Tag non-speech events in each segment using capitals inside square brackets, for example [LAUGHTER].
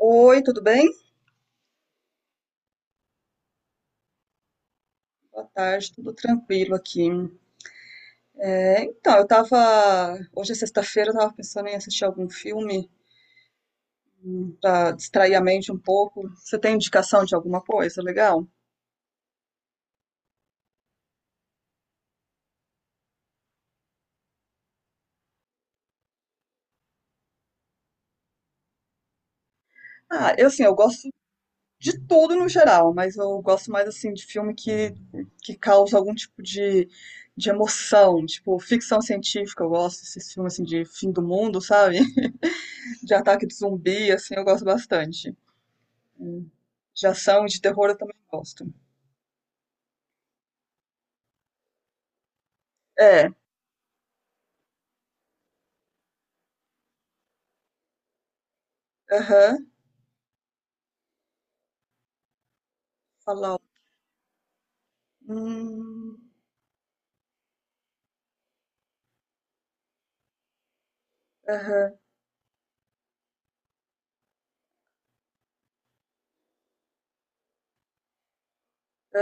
Oi, tudo bem? Boa tarde, tudo tranquilo aqui. É, então, eu tava. Hoje é sexta-feira, eu tava pensando em assistir algum filme pra distrair a mente um pouco. Você tem indicação de alguma coisa legal? Ah, eu assim, eu gosto de tudo no geral, mas eu gosto mais assim de filme que causa algum tipo de emoção, tipo ficção científica, eu gosto desses filmes assim de fim do mundo, sabe? [LAUGHS] De ataque de zumbi, assim, eu gosto bastante. De ação e de terror eu também gosto. É, aham. Falar. Hum, aham,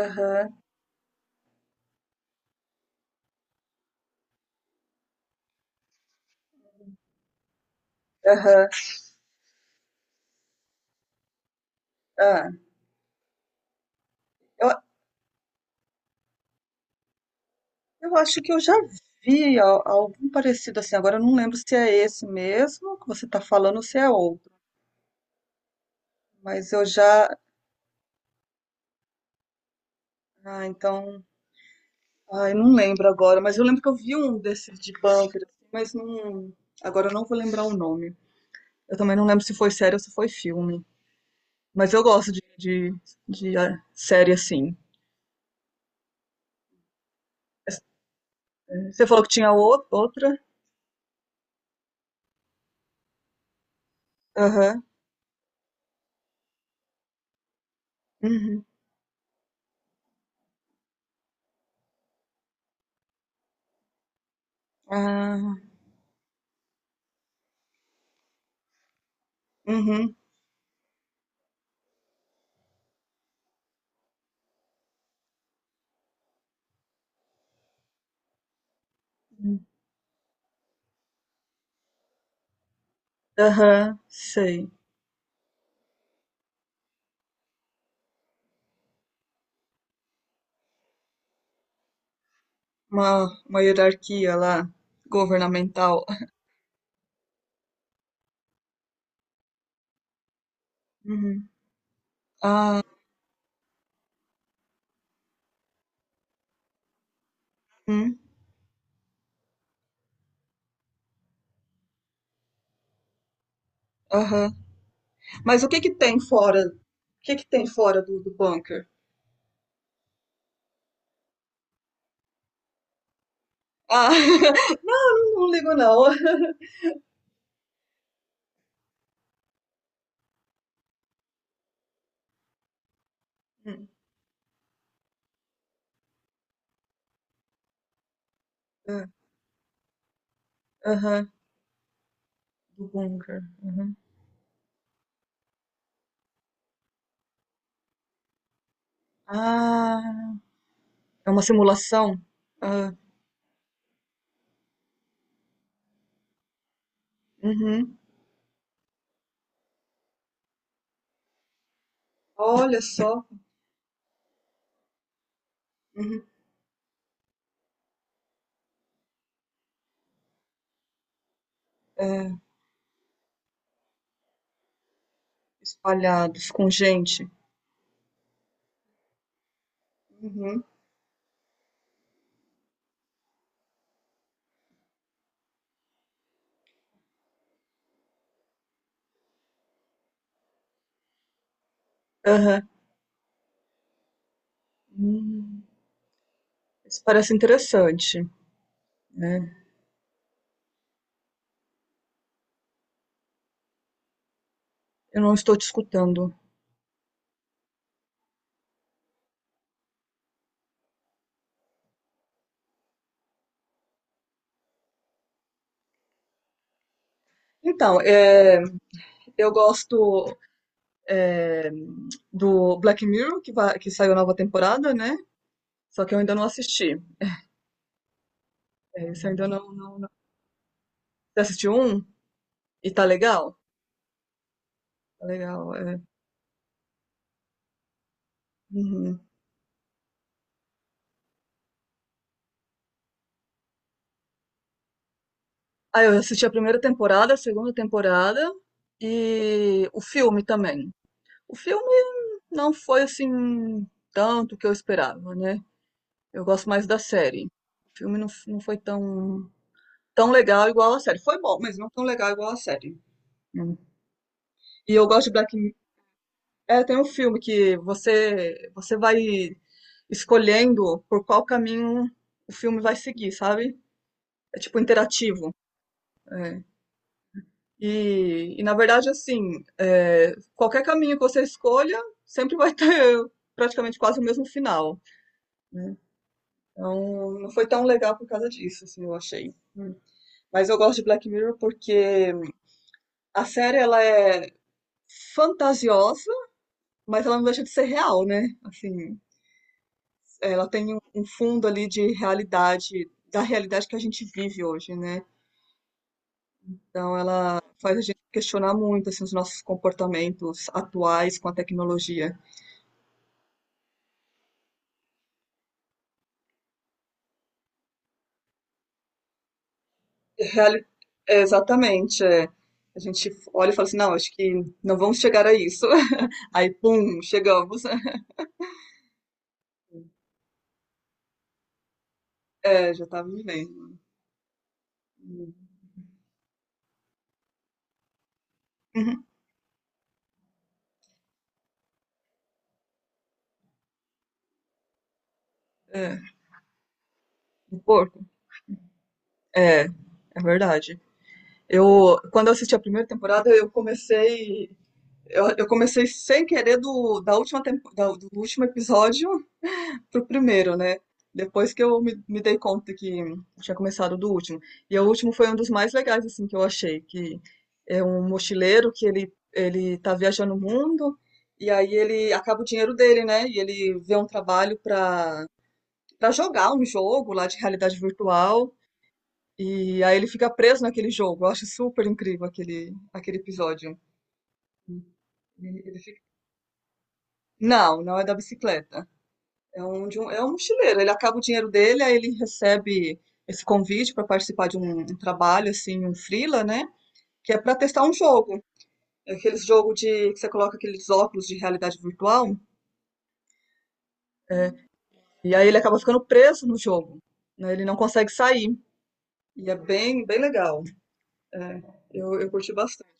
aham, aham. Ah, eu, eu acho que eu já vi algum parecido assim. Agora eu não lembro se é esse mesmo que você está falando ou se é outro. Mas eu já. Ah, então. Ai, não lembro agora. Mas eu lembro que eu vi um desses de bunker, assim, mas não. Agora eu não vou lembrar o nome. Eu também não lembro se foi série ou se foi filme. Mas eu gosto de série assim. Você falou que tinha outra? Aham. Uhum. Ah, uhum. Aham, sei. Uma hierarquia lá, governamental. Uhum, uhum, aham. Mas o que que tem fora? O que que tem fora do bunker? Ah, [LAUGHS] não ligo não. Hum, ah, aham, do bunker. Uhum. Ah, é uma simulação? Ah, uhum. Olha só. Uhum. É, espalhados com gente. Uhum. Aham. Hum, isso parece interessante, né? Eu não estou te escutando. Então, é. Eu gosto do Black Mirror, que saiu a nova temporada, né? Só que eu ainda não assisti. É, esse eu ainda não, não, não. Você assistiu um? E tá legal? Tá legal, é. Uhum. Ah, eu assisti a primeira temporada, a segunda temporada e o filme também. O filme não foi assim tanto que eu esperava, né? Eu gosto mais da série. O filme não, não foi tão legal igual a série. Foi bom, mas não tão legal igual a série. Hum. E eu gosto de Black. É, tem um filme que você vai escolhendo por qual caminho o filme vai seguir, sabe? É tipo interativo. É. E na verdade, assim, é, qualquer caminho que você escolha sempre vai ter praticamente quase o mesmo final, né? Então, não foi tão legal por causa disso, assim, eu achei. Hum. Mas eu gosto de Black Mirror porque a série ela é fantasiosa, mas ela não deixa de ser real, né? Assim, ela tem um fundo ali de realidade, da realidade que a gente vive hoje, né? Então ela faz a gente questionar muito assim, os nossos comportamentos atuais com a tecnologia. Reali- É, exatamente. É. A gente olha e fala assim, não, acho que não vamos chegar a isso. [LAUGHS] Aí, pum, chegamos. [LAUGHS] É, já tá vivendo. Uhum. É, um porco. É, é verdade. Eu, quando eu assisti a primeira temporada, eu comecei sem querer do, da última tempo- da- do último episódio pro primeiro, né? Depois que eu me dei conta que tinha começado do último. E o último foi um dos mais legais, assim, que eu achei. Que é um mochileiro que ele tá viajando o mundo e aí ele acaba o dinheiro dele, né? E ele vê um trabalho pra, jogar um jogo lá de realidade virtual. E aí ele fica preso naquele jogo. Eu acho super incrível aquele episódio. Ele- ele fica- Não, não é da bicicleta. É um mochileiro. Ele acaba o dinheiro dele, aí ele recebe esse convite para participar de um trabalho, assim, um freela, né? Que é para testar um jogo. É aqueles jogo de que você coloca aqueles óculos de realidade virtual. É, e aí ele acaba ficando preso no jogo, né. Ele não consegue sair. E é bem, bem legal. É, eu curti bastante.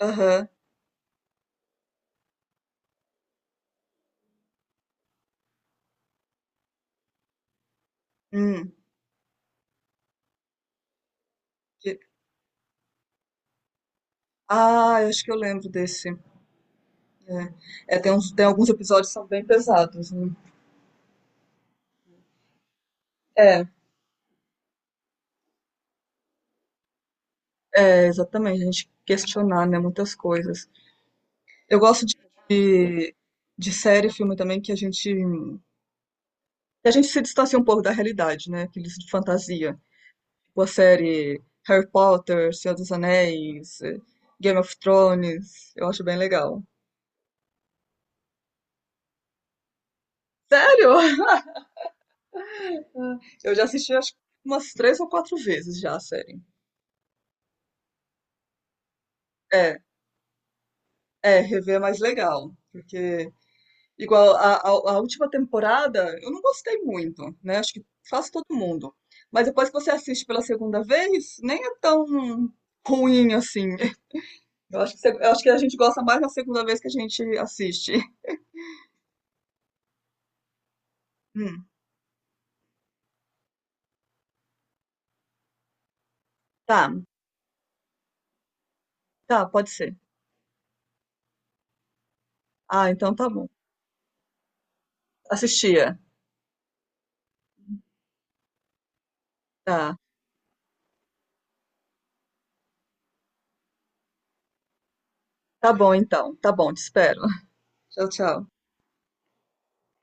Aham. Hum. Que- Ah, eu acho que eu lembro desse. É, tem alguns episódios que são bem pesados, né? É, é, exatamente. A gente questionar, né, muitas coisas. Eu gosto de, de série e filme também que a gente se distancia um pouco da realidade, né? Aqueles de fantasia. Tipo a série Harry Potter, Senhor dos Anéis, eh, Game of Thrones. Eu acho bem legal. Sério? [LAUGHS] Eu já assisti acho que umas três ou quatro vezes já a série. É, é, rever é mais legal. Porque igual a última temporada, eu não gostei muito, né? Acho que faz todo mundo. Mas depois que você assiste pela segunda vez, nem é tão ruim assim. [LAUGHS] Eu acho que, eu acho que a gente gosta mais na segunda vez que a gente assiste. [LAUGHS] Hum, tá, tá, pode ser. Ah, então tá bom. Assistia. Tá, tá bom então. Tá bom, te espero. Tchau, tchau.